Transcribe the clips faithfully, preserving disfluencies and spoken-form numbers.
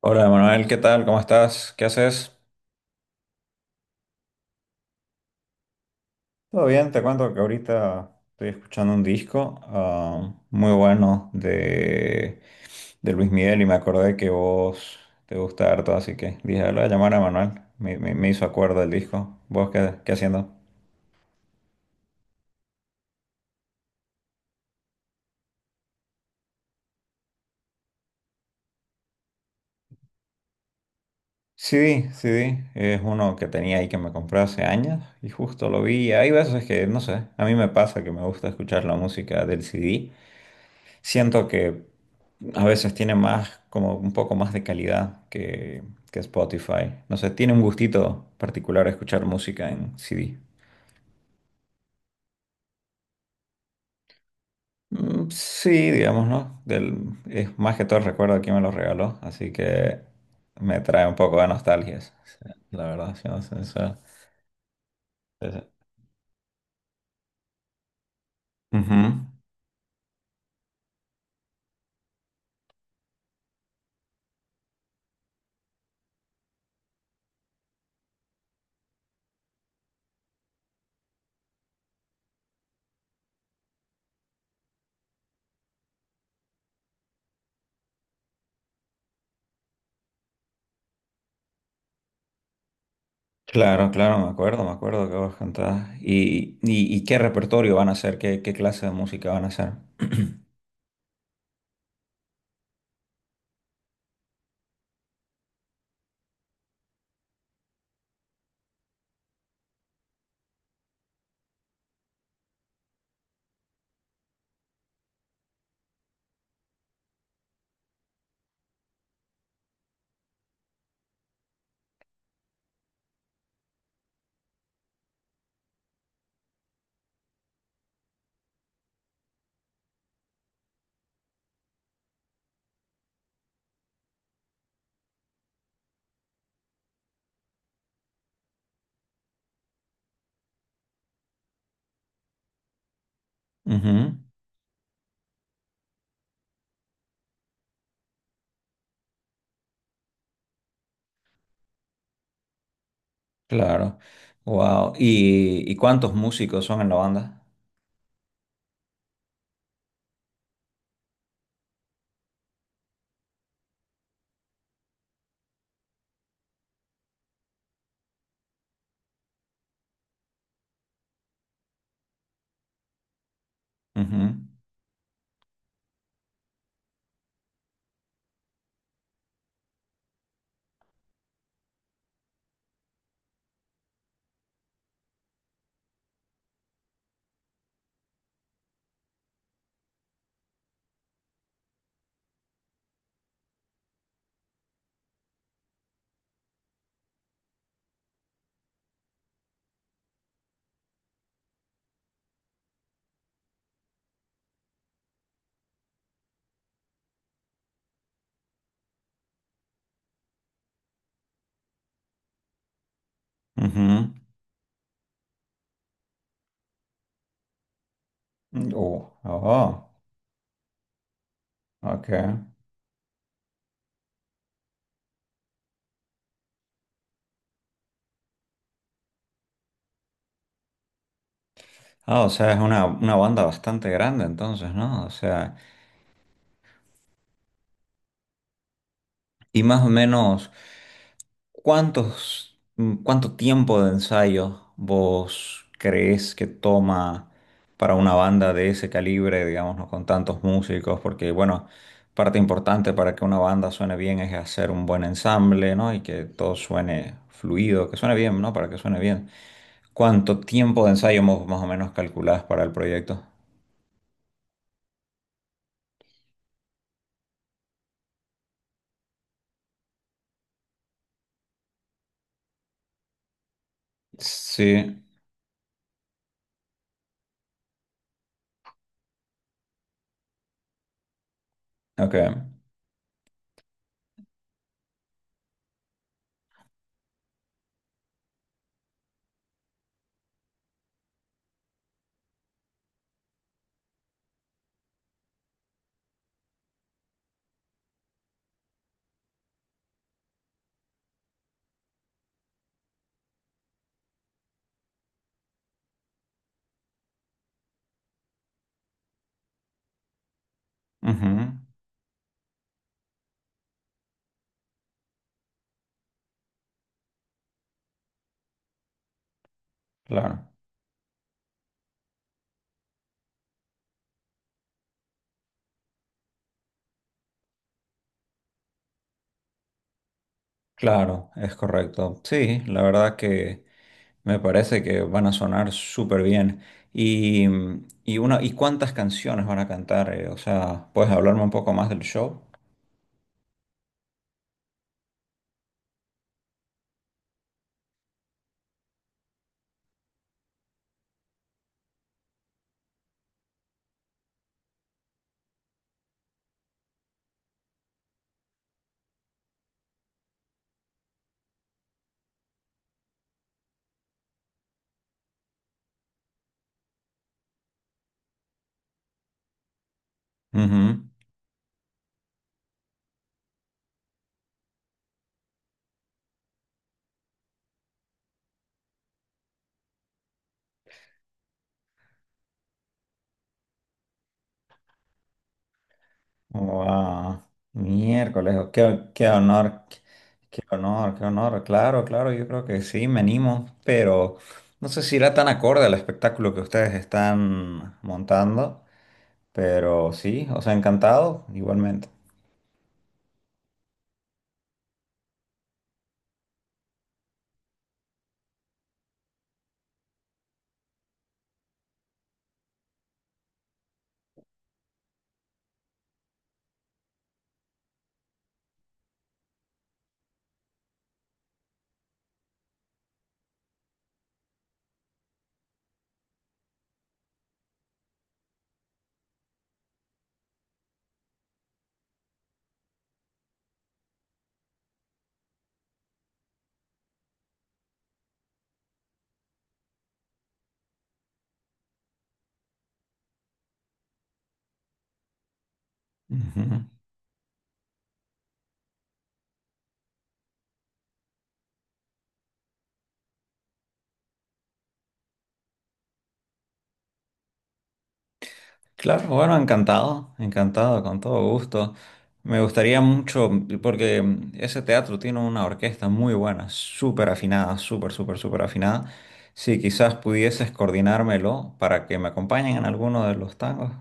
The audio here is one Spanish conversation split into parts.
Hola Manuel, ¿qué tal? ¿Cómo estás? ¿Qué haces? Todo bien, te cuento que ahorita estoy escuchando un disco ah, muy bueno de, de Luis Miguel y me acordé que vos te gusta harto, así que dije, "Ah, Le voy a llamar a Manuel, me, me- me hizo acuerdo el disco. ¿Vos qué, qué haciendo? C D, C D, es uno que tenía ahí que me compré hace años y justo lo vi. Hay veces que, no sé, a mí me pasa que me gusta escuchar la música del C D. Siento que a veces tiene más, como un poco más de calidad que, que Spotify. No sé, tiene un gustito particular escuchar música en C D. Mm, sí, digamos, ¿no? Del, es más que todo el recuerdo de quién me lo regaló, así que me trae un poco de nostalgia, sí, la verdad, siendo sincero. Sí, sí. Ujú. Claro, claro, me acuerdo, me acuerdo que vos cantabas. ¿Y, y, y qué repertorio van a hacer? ¿Qué, qué clase de música van a hacer? Ujú. Claro. Wow. ¿Y, y cuántos músicos son en la banda? Ujú, ujú. Mm. Oh, oh, ok. Ah, o sea, es una, una banda bastante grande entonces, ¿no? O sea, y más o menos, ¿cuántos, mm, cuánto tiempo de ensayo vos crees que toma para una banda de ese calibre, digamos, ¿no?, con tantos músicos? Porque, bueno, parte importante para que una banda suene bien es hacer un buen ensamble, ¿no? Y que todo suene fluido, que suene bien, ¿no? Para que suene bien. ¿Cuánto tiempo de ensayo mo- más o menos calculás para el proyecto? Sí, ok. Ujú. Claro, claro, es correcto. Sí, la verdad que... Me parece que van a sonar súper bien. Y, y, una, ¿y cuántas canciones van a cantar? Eh, o sea, ¿puedes hablarme un poco más del show? Ujú. Wow. Miércoles, qué, qué honor, qué honor, qué honor. Claro, claro, yo creo que sí, me animo, pero no sé si irá tan acorde al espectáculo que ustedes están montando, pero sí, os ha encantado igualmente. Ujú. Claro, bueno, encantado, encantado, con todo gusto. Me gustaría mucho, porque mm, ese teatro tiene una orquesta muy buena, súper afinada, súper, súper, súper afinada. Si quizás pudieses coordinármelo para que me acompañen en alguno de los tangos.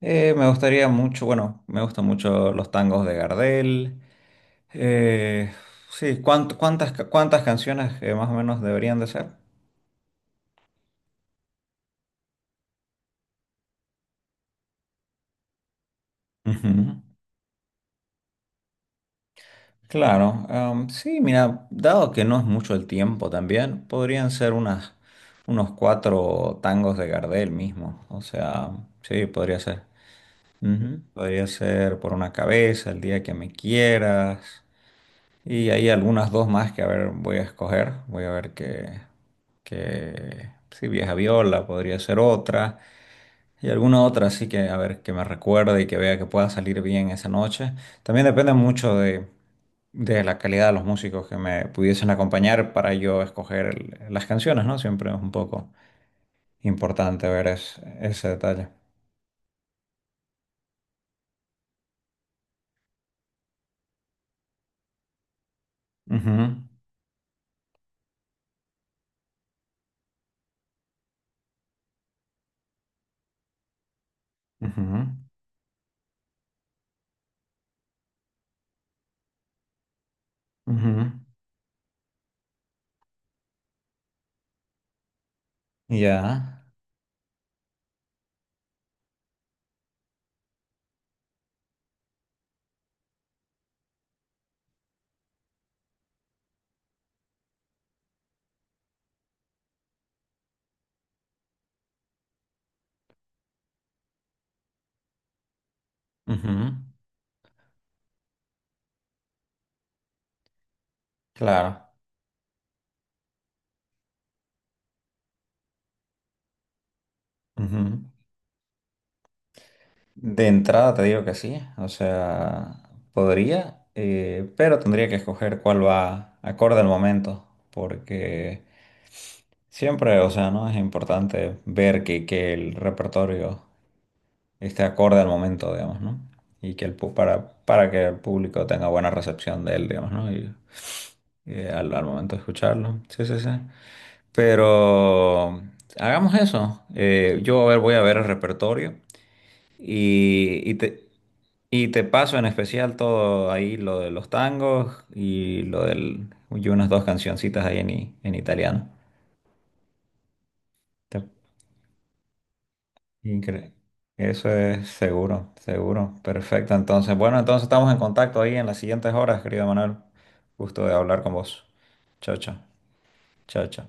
Eh, me gustaría mucho, bueno, me gustan mucho los tangos de Gardel. Eh, sí, ¿cuánt- cuántas, cuántas canciones eh, más o menos deberían de ser? Ujú. Claro, em, sí, mira, dado que no es mucho el tiempo también, podrían ser unas, unos cuatro tangos de Gardel mismo, o sea, sí, podría ser. Ujú, podría ser Por una cabeza, El día que me quieras, y hay algunas dos más que a ver, voy a escoger, voy a ver que, que, sí, Vieja Viola podría ser otra. Y alguna otra, así que a ver, que me recuerde y que vea que pueda salir bien esa noche. También depende mucho de, de la calidad de los músicos que me pudiesen acompañar para yo escoger el- las canciones, ¿no? Siempre es un poco importante ver es- ese detalle. Ujú, ujú, ujú. Ya, ujú, claro. Ujú. De entrada te digo que sí, o sea, podría, eh, pero tendría que escoger cuál va acorde al momento, porque... Siempre, o sea, ¿no? Es importante ver que, que el repertorio esté acorde al momento, digamos, ¿no? Y que el pu- para, para que el público tenga buena recepción de él, digamos, ¿no? Y, y al, al momento de escucharlo. Sí, sí, sí. Pero hagamos eso. Eh, yo a ver, voy a ver el repertorio y, y te, y te paso en especial todo ahí lo de los tangos y lo del y unas dos cancioncitas ahí en, i- en italiano. Incre- Eso es seguro, seguro. Perfecto. Entonces, bueno, entonces estamos en contacto ahí en las siguientes horas, querido Manuel. Gusto de hablar con vos. Chao, chao. Chao, chao.